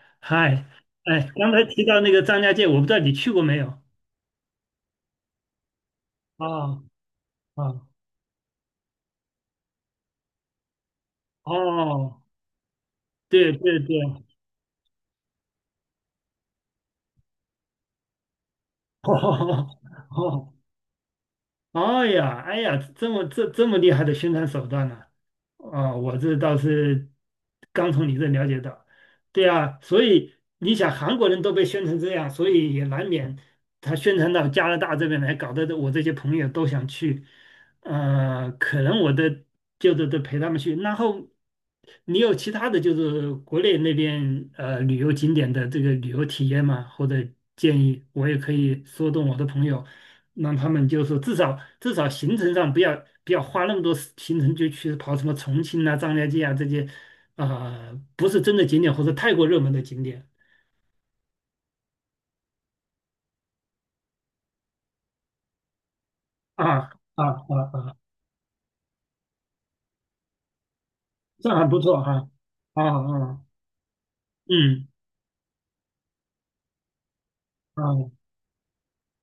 嗨，哎，刚才提到那个张家界，我不知道你去过没有？啊啊，哦，对对对，哦哦，哦，哎呀，哎呀，这么厉害的宣传手段呢。哦，我这倒是刚从你这了解到。对啊，所以你想韩国人都被宣成这样，所以也难免他宣传到加拿大这边来，搞得我这些朋友都想去，可能我的就得陪他们去。然后你有其他的就是国内那边旅游景点的这个旅游体验吗？或者建议，我也可以说动我的朋友，让他们就是说至少行程上不要花那么多行程就去跑什么重庆啊、张家界啊这些，啊、不是真的景点或者太过热门的景点。啊啊啊啊，上海不错哈，啊啊，嗯，啊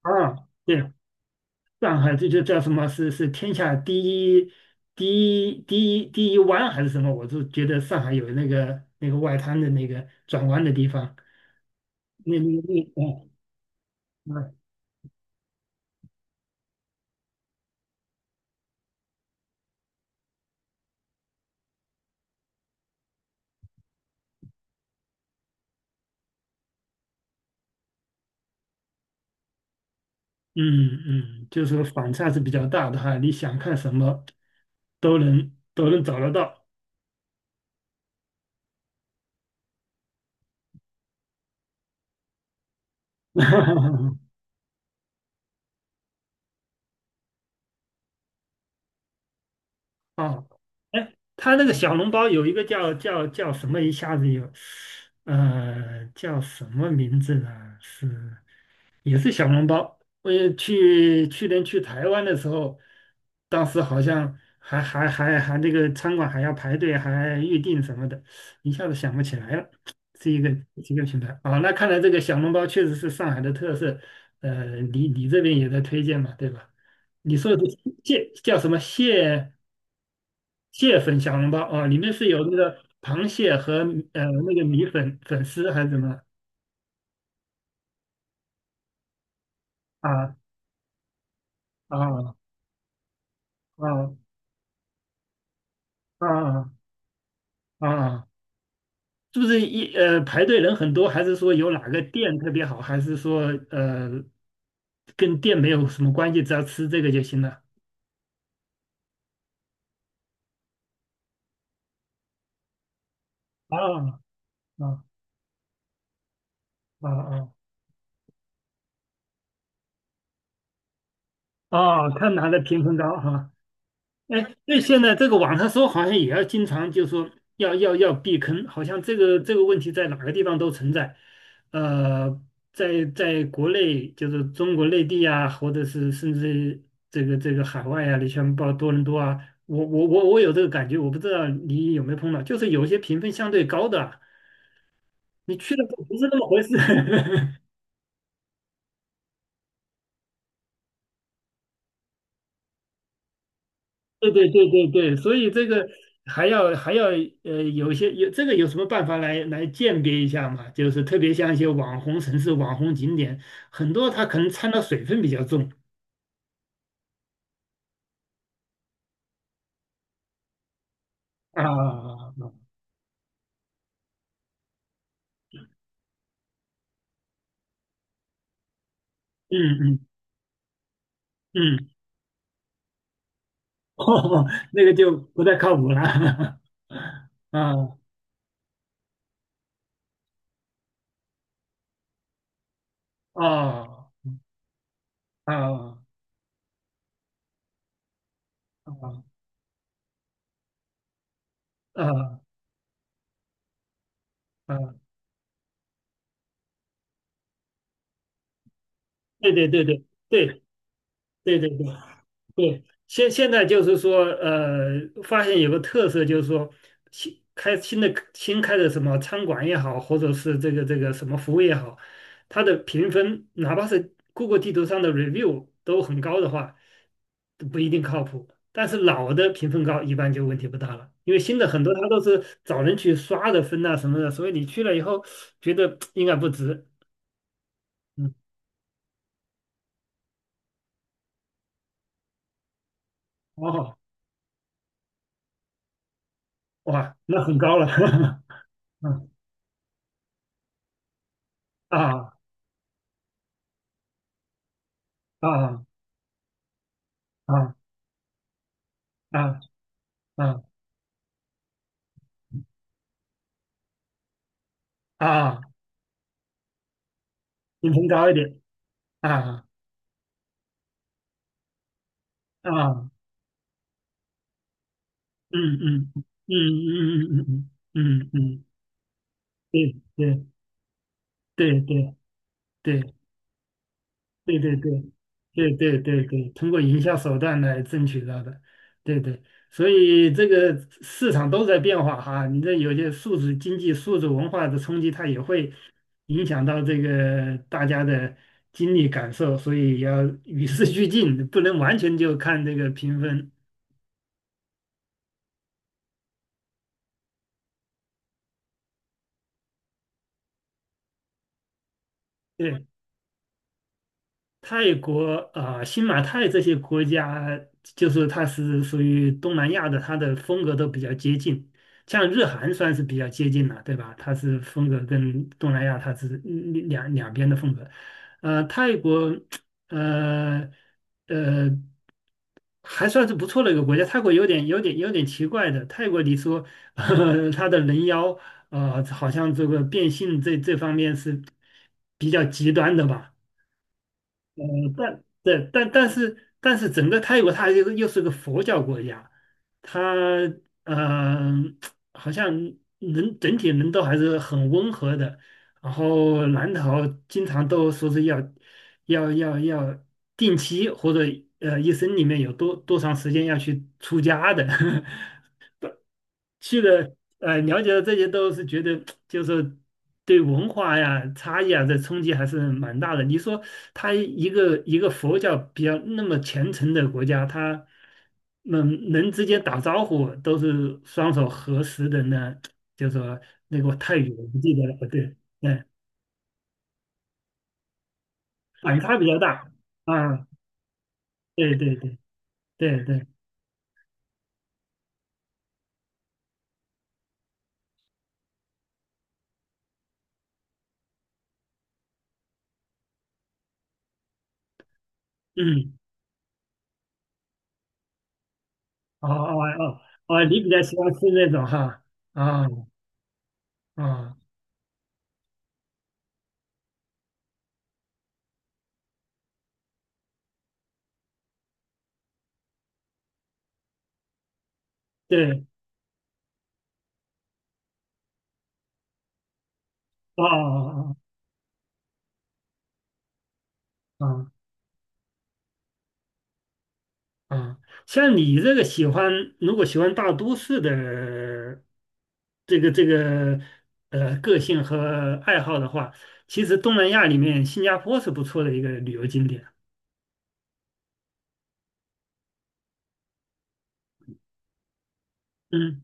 啊，对。上海这就叫什么，是天下第一湾还是什么？我就觉得上海有那个外滩的那个转弯的地方，那那那。嗯嗯嗯，就是说反差是比较大的哈，你想看什么都能找得到。啊，哎，他那个小笼包有一个叫什么，一下子有，叫什么名字呢？是。也是小笼包。我也去年去台湾的时候，当时好像还那个餐馆还要排队，还预定什么的，一下子想不起来了。是一个品牌啊，那看来这个小笼包确实是上海的特色。你这边也在推荐嘛，对吧？你说的是蟹，叫什么蟹，蟹粉小笼包啊？里面是有那个螃蟹和那个米粉粉丝还是什么？啊啊啊啊啊！啊啊，是不是排队人很多，还是说有哪个店特别好，还是说呃跟店没有什么关系，只要吃这个就行了？啊啊啊啊啊！看哪个评分高哈。哎，那现在这个网上说好像也要经常就说要避坑，好像这个问题在哪个地方都存在。呃，在国内就是中国内地啊，或者是甚至这个海外啊，你像报多伦多啊，我有这个感觉，我不知道你有没有碰到，就是有些评分相对高的啊，你去了不是那么回事。对对对对对，所以这个还要还要，有一些有这个有什么办法来鉴别一下嘛？就是特别像一些网红城市、网红景点，很多它可能掺的水分比较重啊。嗯嗯嗯，哦，那个就不太靠谱了。啊，哦，啊啊啊啊啊，对对对对对对对对对。现现在就是说，发现有个特色，就是说新开的什么餐馆也好，或者是这个什么服务也好，它的评分，哪怕是 Google 地图上的 review 都很高的话，都不一定靠谱。但是老的评分高，一般就问题不大了，因为新的很多它都是找人去刷的分啊什么的，所以你去了以后觉得 应该不值。嗯，哦，哇，那很高了，嗯，啊啊。啊啊啊啊啊，音频高一点，啊啊，嗯嗯嗯嗯嗯嗯嗯嗯，嗯，对对对对对对对对对对对对，通过营销手段来争取到的。对对，所以这个市场都在变化哈，你这有些数字经济、数字文化的冲击，它也会影响到这个大家的经历感受，所以要与时俱进，不能完全就看这个评分，对。泰国啊、新马泰这些国家，就是它是属于东南亚的，它的风格都比较接近。像日韩算是比较接近了，对吧？它是风格跟东南亚它是两边的风格。泰国，呃呃，还算是不错的一个国家。泰国有点奇怪的，泰国你说，它的人妖，好像这个变性这方面是比较极端的吧。嗯，但对，但是整个泰国它又是个佛教国家，它嗯、呃好像整体人都还是很温和的，然后南逃经常都说是要定期或者一生里面有多长时间要去出家的，去了，了解了这些都是觉得，就是对文化呀、差异啊这冲击还是蛮大的。你说他一个佛教比较那么虔诚的国家，他人之间打招呼都是双手合十的呢，就说那个泰语我不记得了，对，对，反差比较大啊，对对对对对，嗯，哦哦哦哦，你比较喜欢吃那种哈，啊啊，对，哦哦哦哦。哦，啊，像你这个喜欢，如果喜欢大都市的这个个性和爱好的话，其实东南亚里面新加坡是不错的一个旅游景点。嗯。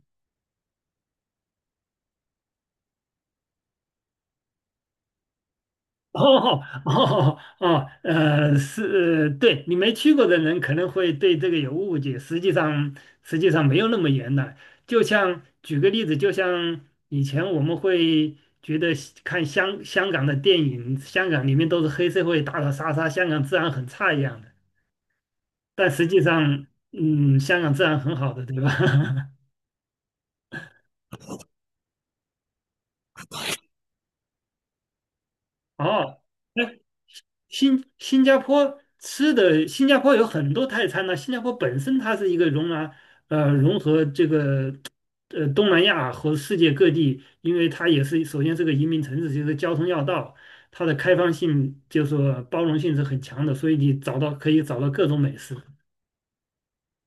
哦哦哦，是，对，你没去过的人可能会对这个有误解，实际上没有那么严的。就像举个例子，就像以前我们会觉得看香港的电影，香港里面都是黑社会打打杀杀，香港治安很差一样的。但实际上，香港治安很好的，对吧？哦，新加坡吃的，新加坡有很多泰餐呢、新加坡本身它是一个容纳融合东南亚和世界各地，因为它也是首先是个移民城市，就是交通要道，它的开放性就是说包容性是很强的，所以你找到可以找到各种美食。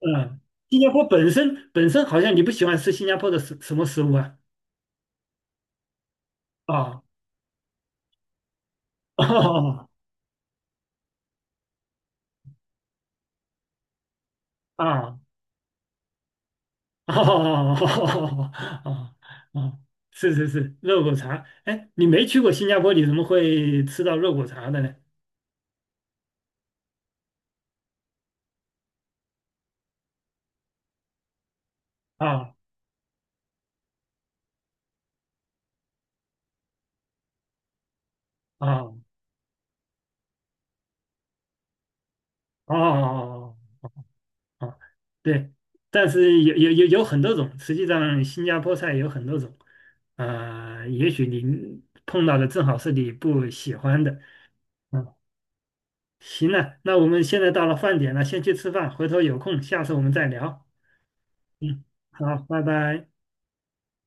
嗯，新加坡本身好像你不喜欢吃新加坡的什么食物啊？啊 啊，哦，哦，哦，是是是，肉骨茶。哎，你没去过新加坡，你怎么会吃到肉骨茶的呢？啊啊，哦哦，对，但是有很多种，实际上新加坡菜有很多种，啊，也许你碰到的正好是你不喜欢的。嗯，行了，那我们现在到了饭点了，先去吃饭，回头有空下次我们再聊。嗯，好，拜拜。